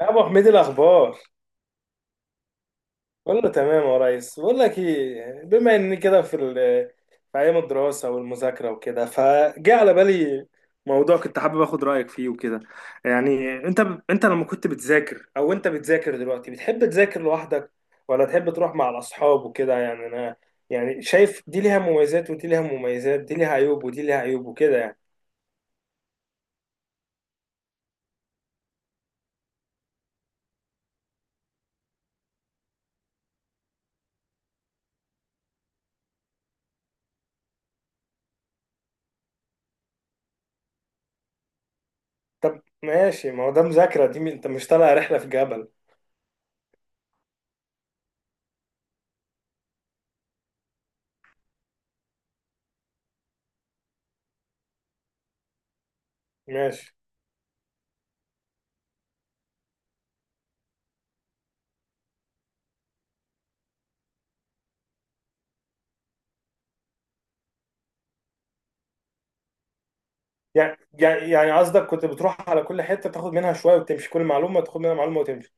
يا ابو حميد، إيه الاخبار؟ كله تمام يا ريس. بقول لك ايه، بما اني كده في ايام الدراسه والمذاكره وكده، فجاء على بالي موضوع كنت حابب اخد رايك فيه وكده. يعني انت لما كنت بتذاكر او انت بتذاكر دلوقتي، بتحب تذاكر لوحدك ولا تحب تروح مع الاصحاب وكده؟ يعني انا يعني شايف دي ليها مميزات ودي ليها مميزات، دي ليها عيوب ودي ليها عيوب وكده يعني. طب ماشي، ما هو ده مذاكره، دي انت مش طالع رحله في جبل. ماشي. يعني قصدك كنت بتروح على كل حتة تاخد منها شوية وتمشي، كل معلومة تاخد منها معلومة وتمشي.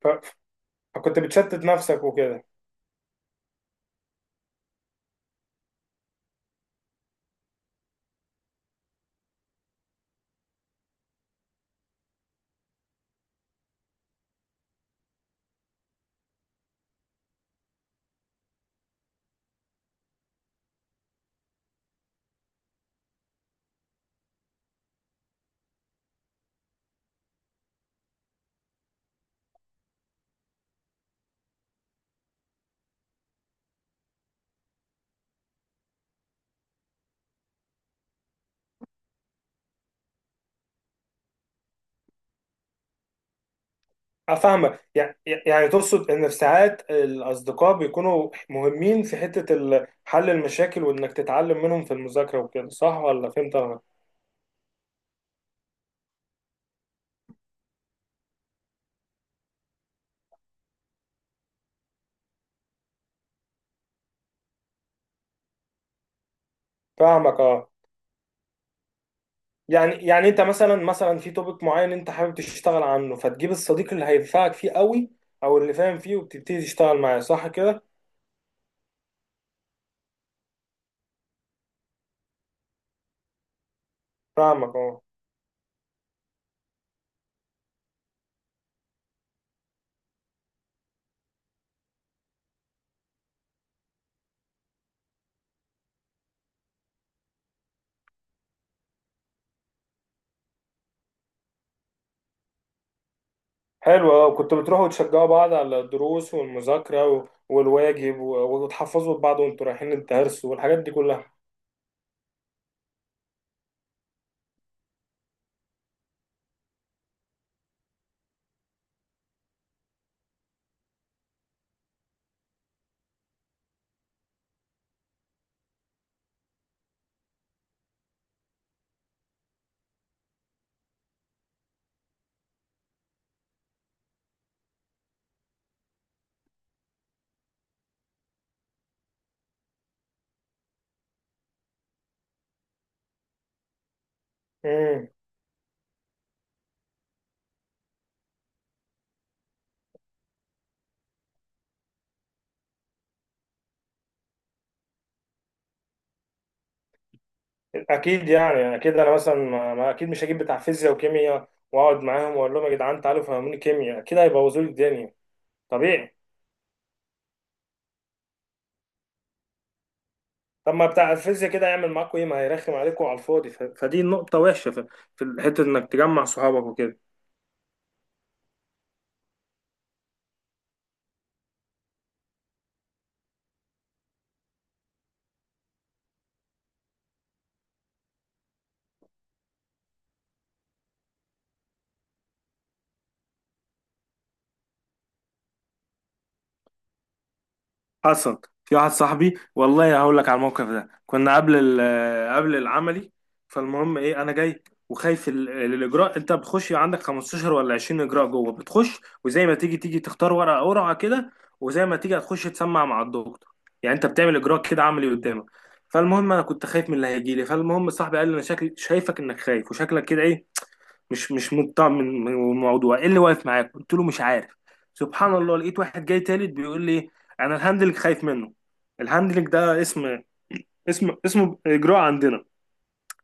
ف- فكنت بتشتت نفسك وكده. أفهمك. يعني تقصد إن في ساعات الأصدقاء بيكونوا مهمين في حتة حل المشاكل، وإنك تتعلم منهم في المذاكرة وكده، صح ولا فهمت أنا؟ فاهمك، أه. يعني أنت مثلا في توبيك معين أنت حابب تشتغل عنه، فتجيب الصديق اللي هينفعك فيه قوي أو اللي فاهم فيه وبتبتدي تشتغل معاه، صح كده؟ فاهمك، أه. حلو، اه. كنتوا بتروحوا تشجعوا بعض على الدروس والمذاكرة والواجب وتحفظوا بعض وانتوا رايحين الدرس والحاجات دي كلها. امم. اكيد، يعني اكيد انا مثلا اكيد مش هجيب بتاع فيزياء وكيمياء واقعد معاهم واقول لهم يا جدعان تعالوا فهموني كيمياء، اكيد هيبوظوا لي الدنيا. طبيعي. طب ما بتاع الفيزياء كده هيعمل معاكم ايه؟ ما هيرخم عليكم على الفاضي. فدي نقطة وحشة في حتة انك تجمع صحابك وكده. حصل. في واحد صاحبي، والله هقول لك على الموقف ده. كنا قبل العملي، فالمهم ايه، انا جاي وخايف الاجراء. انت بتخش عندك 15 ولا 20 اجراء جوه، بتخش وزي ما تيجي تيجي تختار ورقه قرعه كده، وزي ما تيجي هتخش تسمع مع الدكتور. يعني انت بتعمل اجراء كده عملي قدامك. فالمهم انا كنت خايف من اللي هيجي لي. فالمهم صاحبي قال لي انا شكلي شايفك انك خايف وشكلك كده ايه، مش مطمع من الموضوع، ايه اللي واقف معاك؟ قلت له مش عارف. سبحان الله لقيت واحد جاي تالت بيقول لي انا الهاندلنج خايف منه. الهاندلنج ده اسم اجراء عندنا.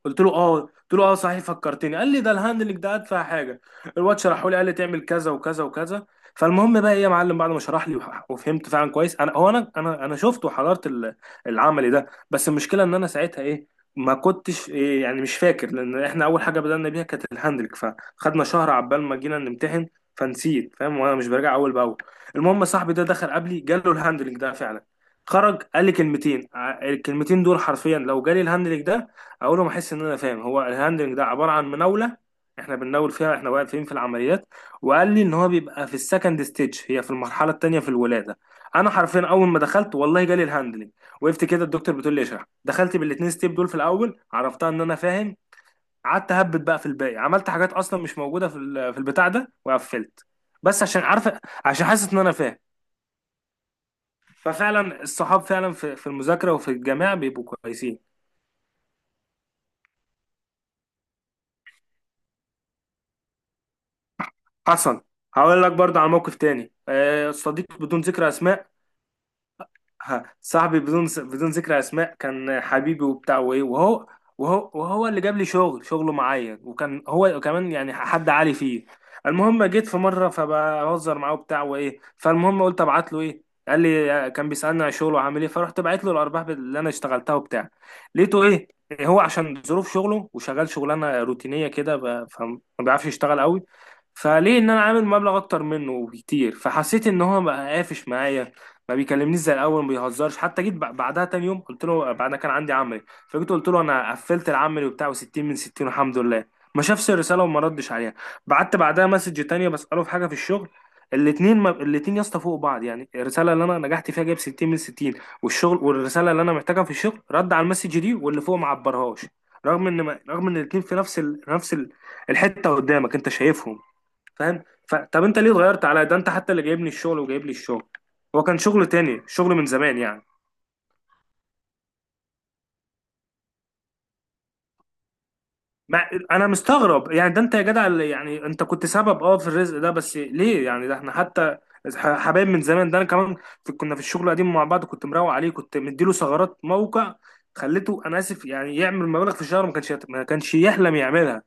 قلت له اه، قلت له اه صحيح، فكرتني. قال لي ده الهاندلنج ده ادفع حاجه. الواد شرحه لي، قال لي تعمل كذا وكذا وكذا. فالمهم بقى ايه يا معلم، بعد ما شرح لي وفهمت فعلا كويس، انا هو انا شفت وحضرت العملي ده. بس المشكله ان انا ساعتها ايه، ما كنتش إيه يعني، مش فاكر، لان احنا اول حاجه بدأنا بيها كانت الهاندلنج، فخدنا شهر عبال ما جينا نمتحن فنسيت. فاهم، وانا مش براجع اول باول. المهم صاحبي ده دخل قبلي جاله الهاندلنج ده فعلا. خرج قال لي كلمتين، الكلمتين دول حرفيا لو جالي الهاندلنج ده، اول ما احس ان انا فاهم. هو الهاندلنج ده عباره عن مناوله، احنا بنناول فيها احنا واقفين في العمليات. وقال لي ان هو بيبقى في السكند ستيج، هي في المرحله الثانيه في الولاده. انا حرفيا اول ما دخلت والله جالي الهاندلنج. وقفت كده، الدكتور بتقول لي اشرح، دخلت بالاثنين ستيب دول في الاول، عرفتها ان انا فاهم. قعدت اهبط بقى في الباقي، عملت حاجات اصلا مش موجوده في البتاع ده، وقفلت. بس عشان عارفه، عشان حاسس ان انا فاهم. ففعلا الصحاب فعلا في المذاكره وفي الجامعه بيبقوا كويسين. حصل. هقول لك برضه على موقف تاني. آه، صديق بدون ذكر اسماء. ها، صاحبي بدون ذكر اسماء، كان حبيبي وبتاع وايه، وهو اللي جاب لي شغل شغله معايا، وكان هو كمان يعني حد عالي فيه. المهم جيت في مره فبهزر معاه وبتاع وايه، فالمهم قلت ابعت له ايه. قال لي كان بيسالني على شغله وعامل ايه، فرحت بعت له الارباح اللي انا اشتغلتها وبتاع. لقيته ايه، هو عشان ظروف شغله وشغال شغلانه روتينيه كده، فما بيعرفش يشتغل قوي، فليه ان انا عامل مبلغ اكتر منه بكتير، فحسيت ان هو بقى قافش معايا، ما بيكلمنيش زي الاول، ما بيهزرش. حتى جيت بعدها تاني يوم قلت له بعد ما كان عندي عملي، فجيت قلت له انا قفلت العملي وبتاع، و60 من 60 والحمد لله. ما شافش الرساله وما ردش عليها. بعت بعدها مسج تانية بساله في حاجه في الشغل. الاتنين ما... الاتنين يا اسطى فوق بعض، يعني الرساله اللي انا نجحت فيها جايب 60 من 60، والشغل والرساله اللي انا محتاجها في الشغل، رد على المسج دي واللي فوق ما عبرهاش. رغم ان ما... رغم ان الاتنين في نفس الحته قدامك انت شايفهم. فاهم. طب انت ليه اتغيرت عليا؟ ده انت حتى اللي جايبني الشغل وجايب لي الشغل. هو كان شغل تاني شغل من زمان يعني. ما... انا مستغرب، يعني ده انت يا جدع اللي يعني انت كنت سبب اه في الرزق ده، بس ليه يعني؟ ده احنا حتى حبايب من زمان. ده انا كمان كنا في الشغل القديم مع بعض، كنت مروق عليه، كنت مديله ثغرات موقع، خليته انا اسف يعني يعمل مبالغ في الشهر ما كانش يحلم يعملها.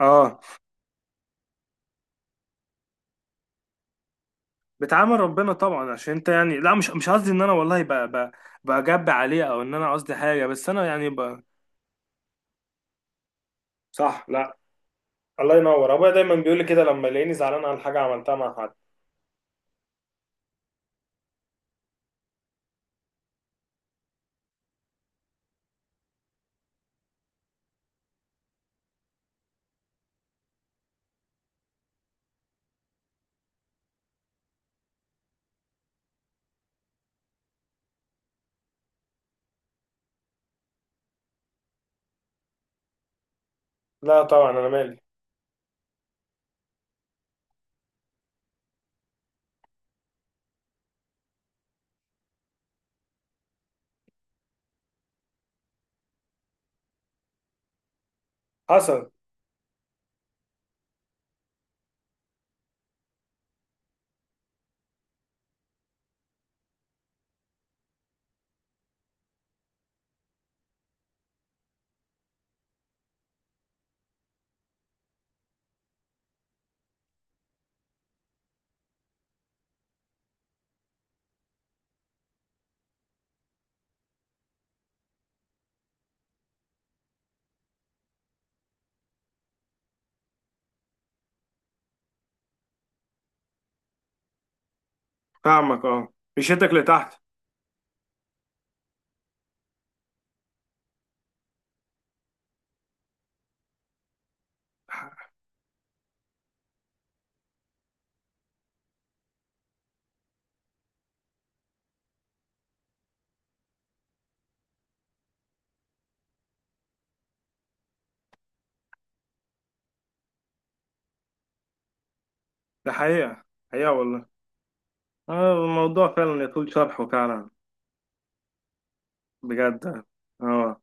اه. بتعامل ربنا طبعا عشان انت يعني، لا مش قصدي ان انا والله بجب عليه، او ان انا قصدي حاجه، بس انا يعني. صح، لا. الله ينور ابويا دايما بيقول لي كده لما يلاقيني زعلان على حاجه عملتها مع حد. لا طبعا انا مالي. حصل. فاهمك اه. مشيتك لتحت. ده حقيقه، حقيقه والله. آه، الموضوع فعلا يطول شرحه فعلا. بجد. اه.